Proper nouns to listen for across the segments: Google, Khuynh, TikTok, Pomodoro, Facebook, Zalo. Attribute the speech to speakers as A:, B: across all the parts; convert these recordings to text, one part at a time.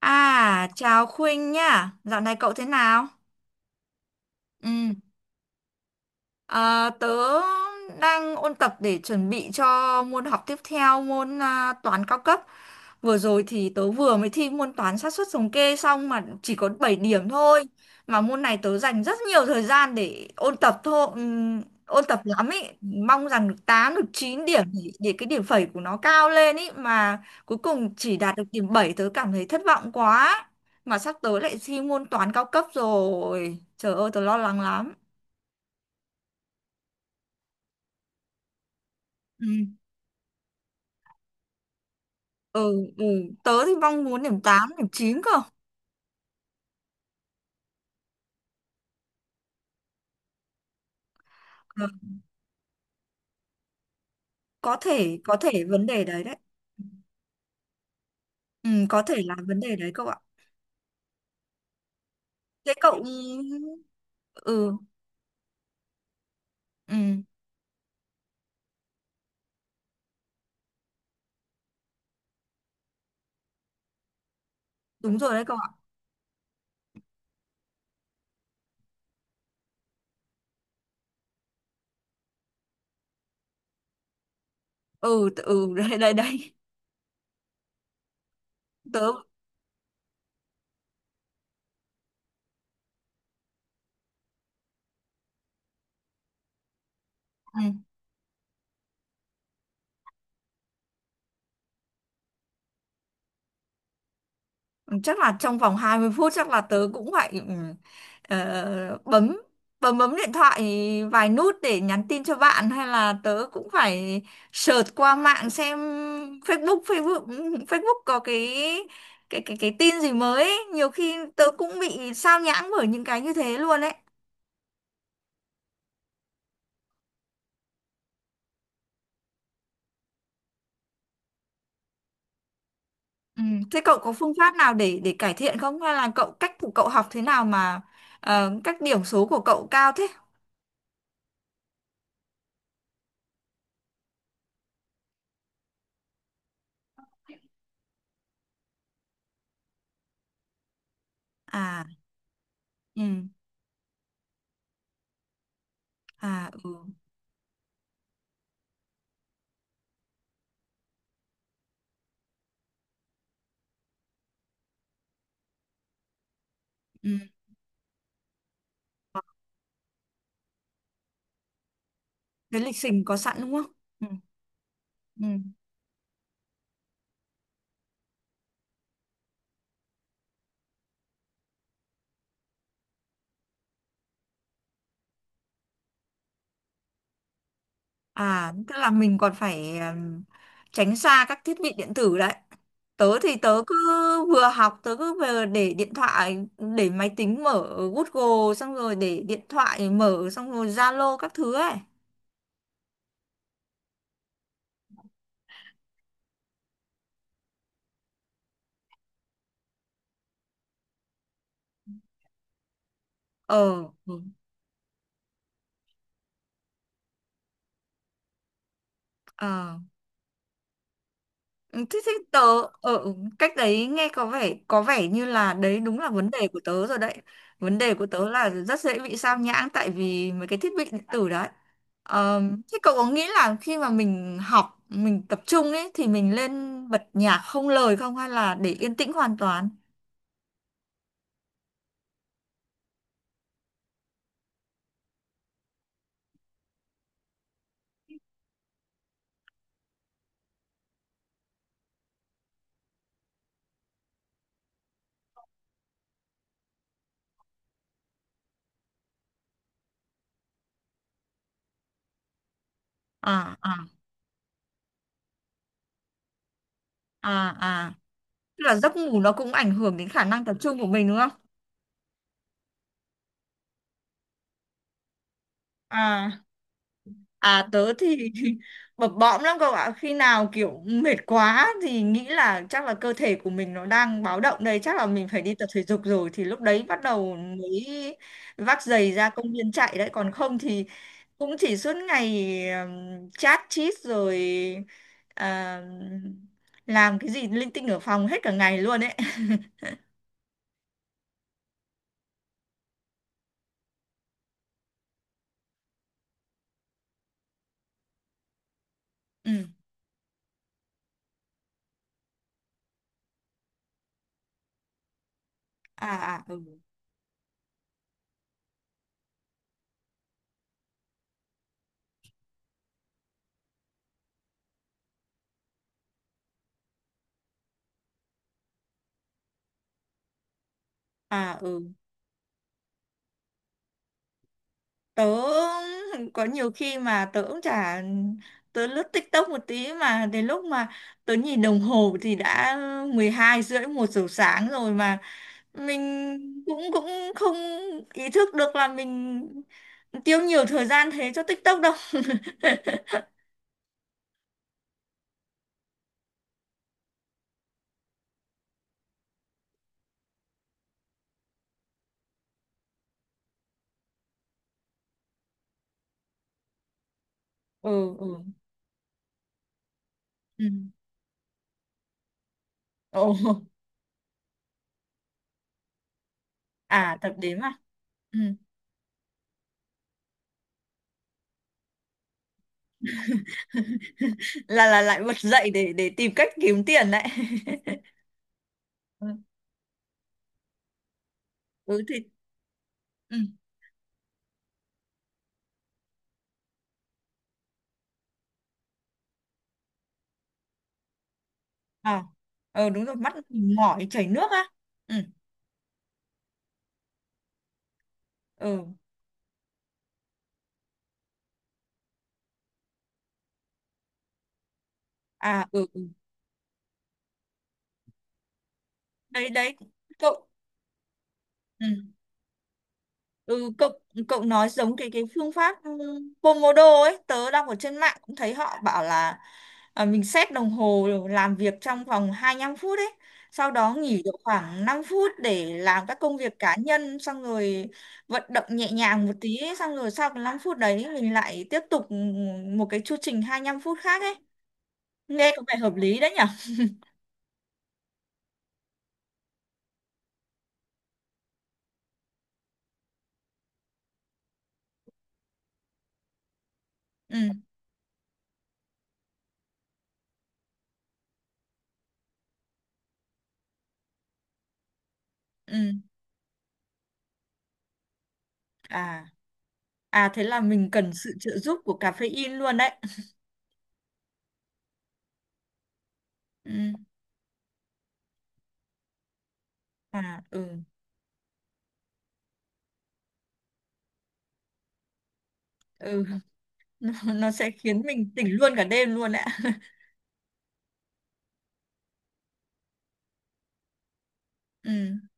A: À, chào Khuynh nhá. Dạo này cậu thế nào? Ừ. À, tớ đang ôn tập để chuẩn bị cho môn học tiếp theo môn toán cao cấp. Vừa rồi thì tớ vừa mới thi môn toán xác suất thống kê xong mà chỉ có 7 điểm thôi. Mà môn này tớ dành rất nhiều thời gian để ôn tập thôi, ôn tập lắm ý. Mong rằng được 8 được 9 điểm để cái điểm phẩy của nó cao lên ý. Mà cuối cùng chỉ đạt được điểm 7 tớ cảm thấy thất vọng quá. Mà sắp tới lại thi môn toán cao cấp rồi. Trời ơi tớ lo lắng lắm. Ừ. Ừ. Ừ. Tớ thì mong muốn điểm 8 điểm 9 cơ. Ờ, có thể vấn đề đấy đấy. Ừ, có thể là vấn đề đấy cậu ạ. Thế cậu. Ừ. Ừ. Đúng rồi đấy cậu ạ. Ừ ừ đấy đấy đấy. Tớ. Ừ. Chắc là trong vòng 20 phút chắc là tớ cũng phải bấm bấm bấm điện thoại vài nút để nhắn tin cho bạn hay là tớ cũng phải search qua mạng xem Facebook Facebook Facebook có cái tin gì mới ấy. Nhiều khi tớ cũng bị sao nhãng bởi những cái như thế luôn ấy. Ừ. Thế cậu có phương pháp nào để cải thiện không? Hay là cách của cậu học thế nào mà các điểm số của cậu cao thế? À. Ừ. À. Ừ. Ừ. Cái lịch trình có sẵn đúng không? Ừ. Ừ. À, tức là mình còn phải tránh xa các thiết bị điện tử đấy. Tớ thì tớ cứ vừa học, tớ cứ vừa để điện thoại, để máy tính mở Google, xong rồi để điện thoại mở, xong rồi Zalo các thứ ấy. Ờ. Ừ. Ờ. Ừ, thế thì tớ ở cách đấy nghe có vẻ như là đấy đúng là vấn đề của tớ rồi đấy. Vấn đề của tớ là rất dễ bị sao nhãng tại vì mấy cái thiết bị điện tử đấy. Thế cậu có nghĩ là khi mà mình học, mình tập trung ấy thì mình lên bật nhạc không lời không hay là để yên tĩnh hoàn toàn? À à à à, tức là giấc ngủ nó cũng ảnh hưởng đến khả năng tập trung của mình đúng không? À À tớ thì bập bõm lắm cậu ạ. Khi nào kiểu mệt quá thì nghĩ là chắc là cơ thể của mình nó đang báo động đây. Chắc là mình phải đi tập thể dục rồi. Thì lúc đấy bắt đầu mới vác giày ra công viên chạy đấy. Còn không thì cũng chỉ suốt ngày chat chít rồi à, làm cái gì linh tinh ở phòng hết cả ngày luôn ấy. Ừ. À à ừ. À ừ tớ có nhiều khi mà tớ cũng chả, tớ lướt TikTok một tí mà đến lúc mà tớ nhìn đồng hồ thì đã 12 rưỡi 1 giờ sáng rồi mà mình cũng cũng không ý thức được là mình tiêu nhiều thời gian thế cho TikTok đâu. Ừ. Ừ. Ừ. Ồ. À, tập đếm à? Ừ. Là lại bật dậy để tìm cách kiếm tiền đấy. Ừ. Ừ thì. Ừ. À, đúng rồi, mắt mình mỏi chảy nước á. Ừ. Ừ. À. Ừ. Ừ. Đấy đấy cậu. Ừ. Ừ, cậu cậu nói giống cái phương pháp Pomodoro ấy. Tớ đọc ở trên mạng cũng thấy họ bảo là mình set đồng hồ làm việc trong vòng 25 phút ấy, sau đó nghỉ được khoảng 5 phút để làm các công việc cá nhân xong rồi vận động nhẹ nhàng một tí ấy. Xong rồi sau cái 5 phút đấy mình lại tiếp tục một cái chu trình 25 phút khác ấy. Nghe có vẻ hợp lý đấy nhở. Ừ. Ừ. À. À, thế là mình cần sự trợ giúp của caffeine luôn đấy. Ừ. À. Ừ. Ừ. Nó sẽ khiến mình tỉnh luôn cả đêm luôn đấy ạ. Ừ,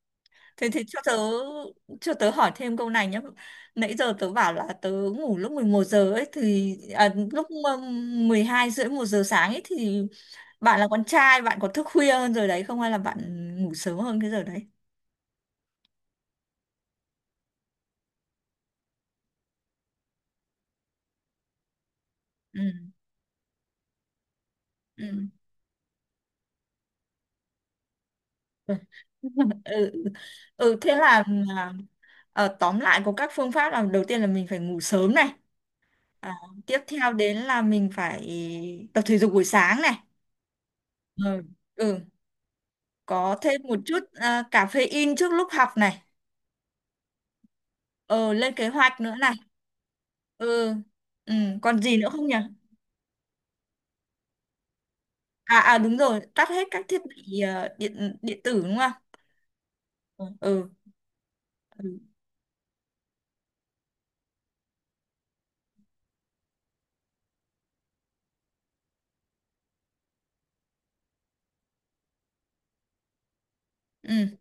A: thế thì cho tớ hỏi thêm câu này nhé. Nãy giờ tớ bảo là tớ ngủ lúc 11 giờ ấy thì lúc mà 12 rưỡi 1 giờ sáng ấy thì bạn là con trai bạn có thức khuya hơn rồi đấy không hay là bạn ngủ sớm hơn cái giờ đấy? Ừ. Ừ. Ừ. Ừ thế là, tóm lại có các phương pháp là đầu tiên là mình phải ngủ sớm này. à, Tiếp theo đến là mình phải tập thể dục buổi sáng này. Ừ. Ừ, có thêm một chút caffeine trước lúc học này. Ờ Lên kế hoạch nữa này. Ừ. Ừ. Còn gì nữa không nhỉ? Đúng rồi, tắt hết các thiết bị điện điện tử đúng không? Ừ. Ừ. Ừ. Ừ.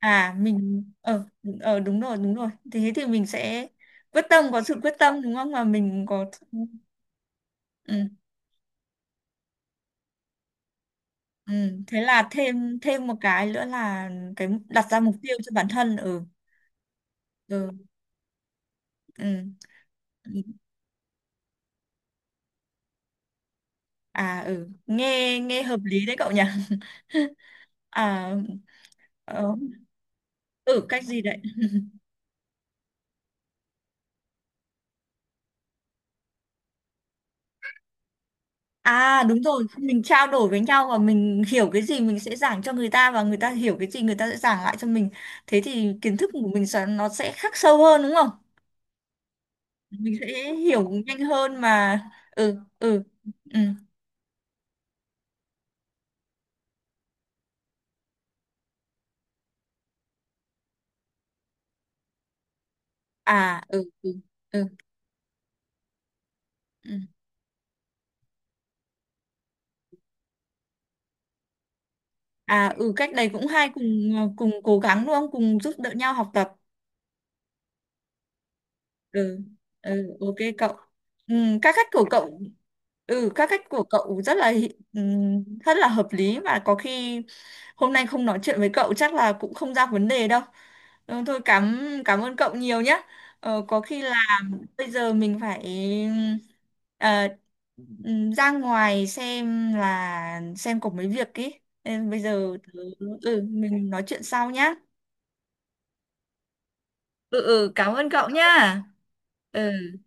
A: À mình ờ. Đúng rồi đúng rồi, thế thì mình sẽ quyết tâm, có sự quyết tâm đúng không mà mình có. Ừ. Ừ. Thế là thêm thêm một cái nữa là cái đặt ra mục tiêu cho bản thân. Ừ. Ừ. Ừ. À ừ nghe nghe hợp lý đấy cậu nhỉ. À. Ờ. Ừ cách gì đấy. À đúng rồi, mình trao đổi với nhau và mình hiểu cái gì mình sẽ giảng cho người ta và người ta hiểu cái gì người ta sẽ giảng lại cho mình. Thế thì kiến thức của mình nó sẽ khắc sâu hơn đúng không? Mình sẽ hiểu nhanh hơn mà. Ừ ừ ừ. À ừ ừ ừ. Ừ. À ừ cách đấy cũng hay, cùng cùng cố gắng đúng không? Cùng giúp đỡ nhau học tập. Ừ. Ừ. Ok cậu. Ừ, các cách của cậu. Ừ các cách của cậu rất là rất là hợp lý và có khi hôm nay không nói chuyện với cậu chắc là cũng không ra vấn đề đâu. Ừ, thôi cảm cảm ơn cậu nhiều nhé. Có khi là bây giờ mình phải ờ, ừ, ra ngoài xem có mấy việc ý. Nên bây giờ tớ- Ừ mình nói chuyện sau nhá. Ừ. Ừ cảm ơn cậu nhá. Ừ.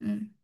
A: Ừ.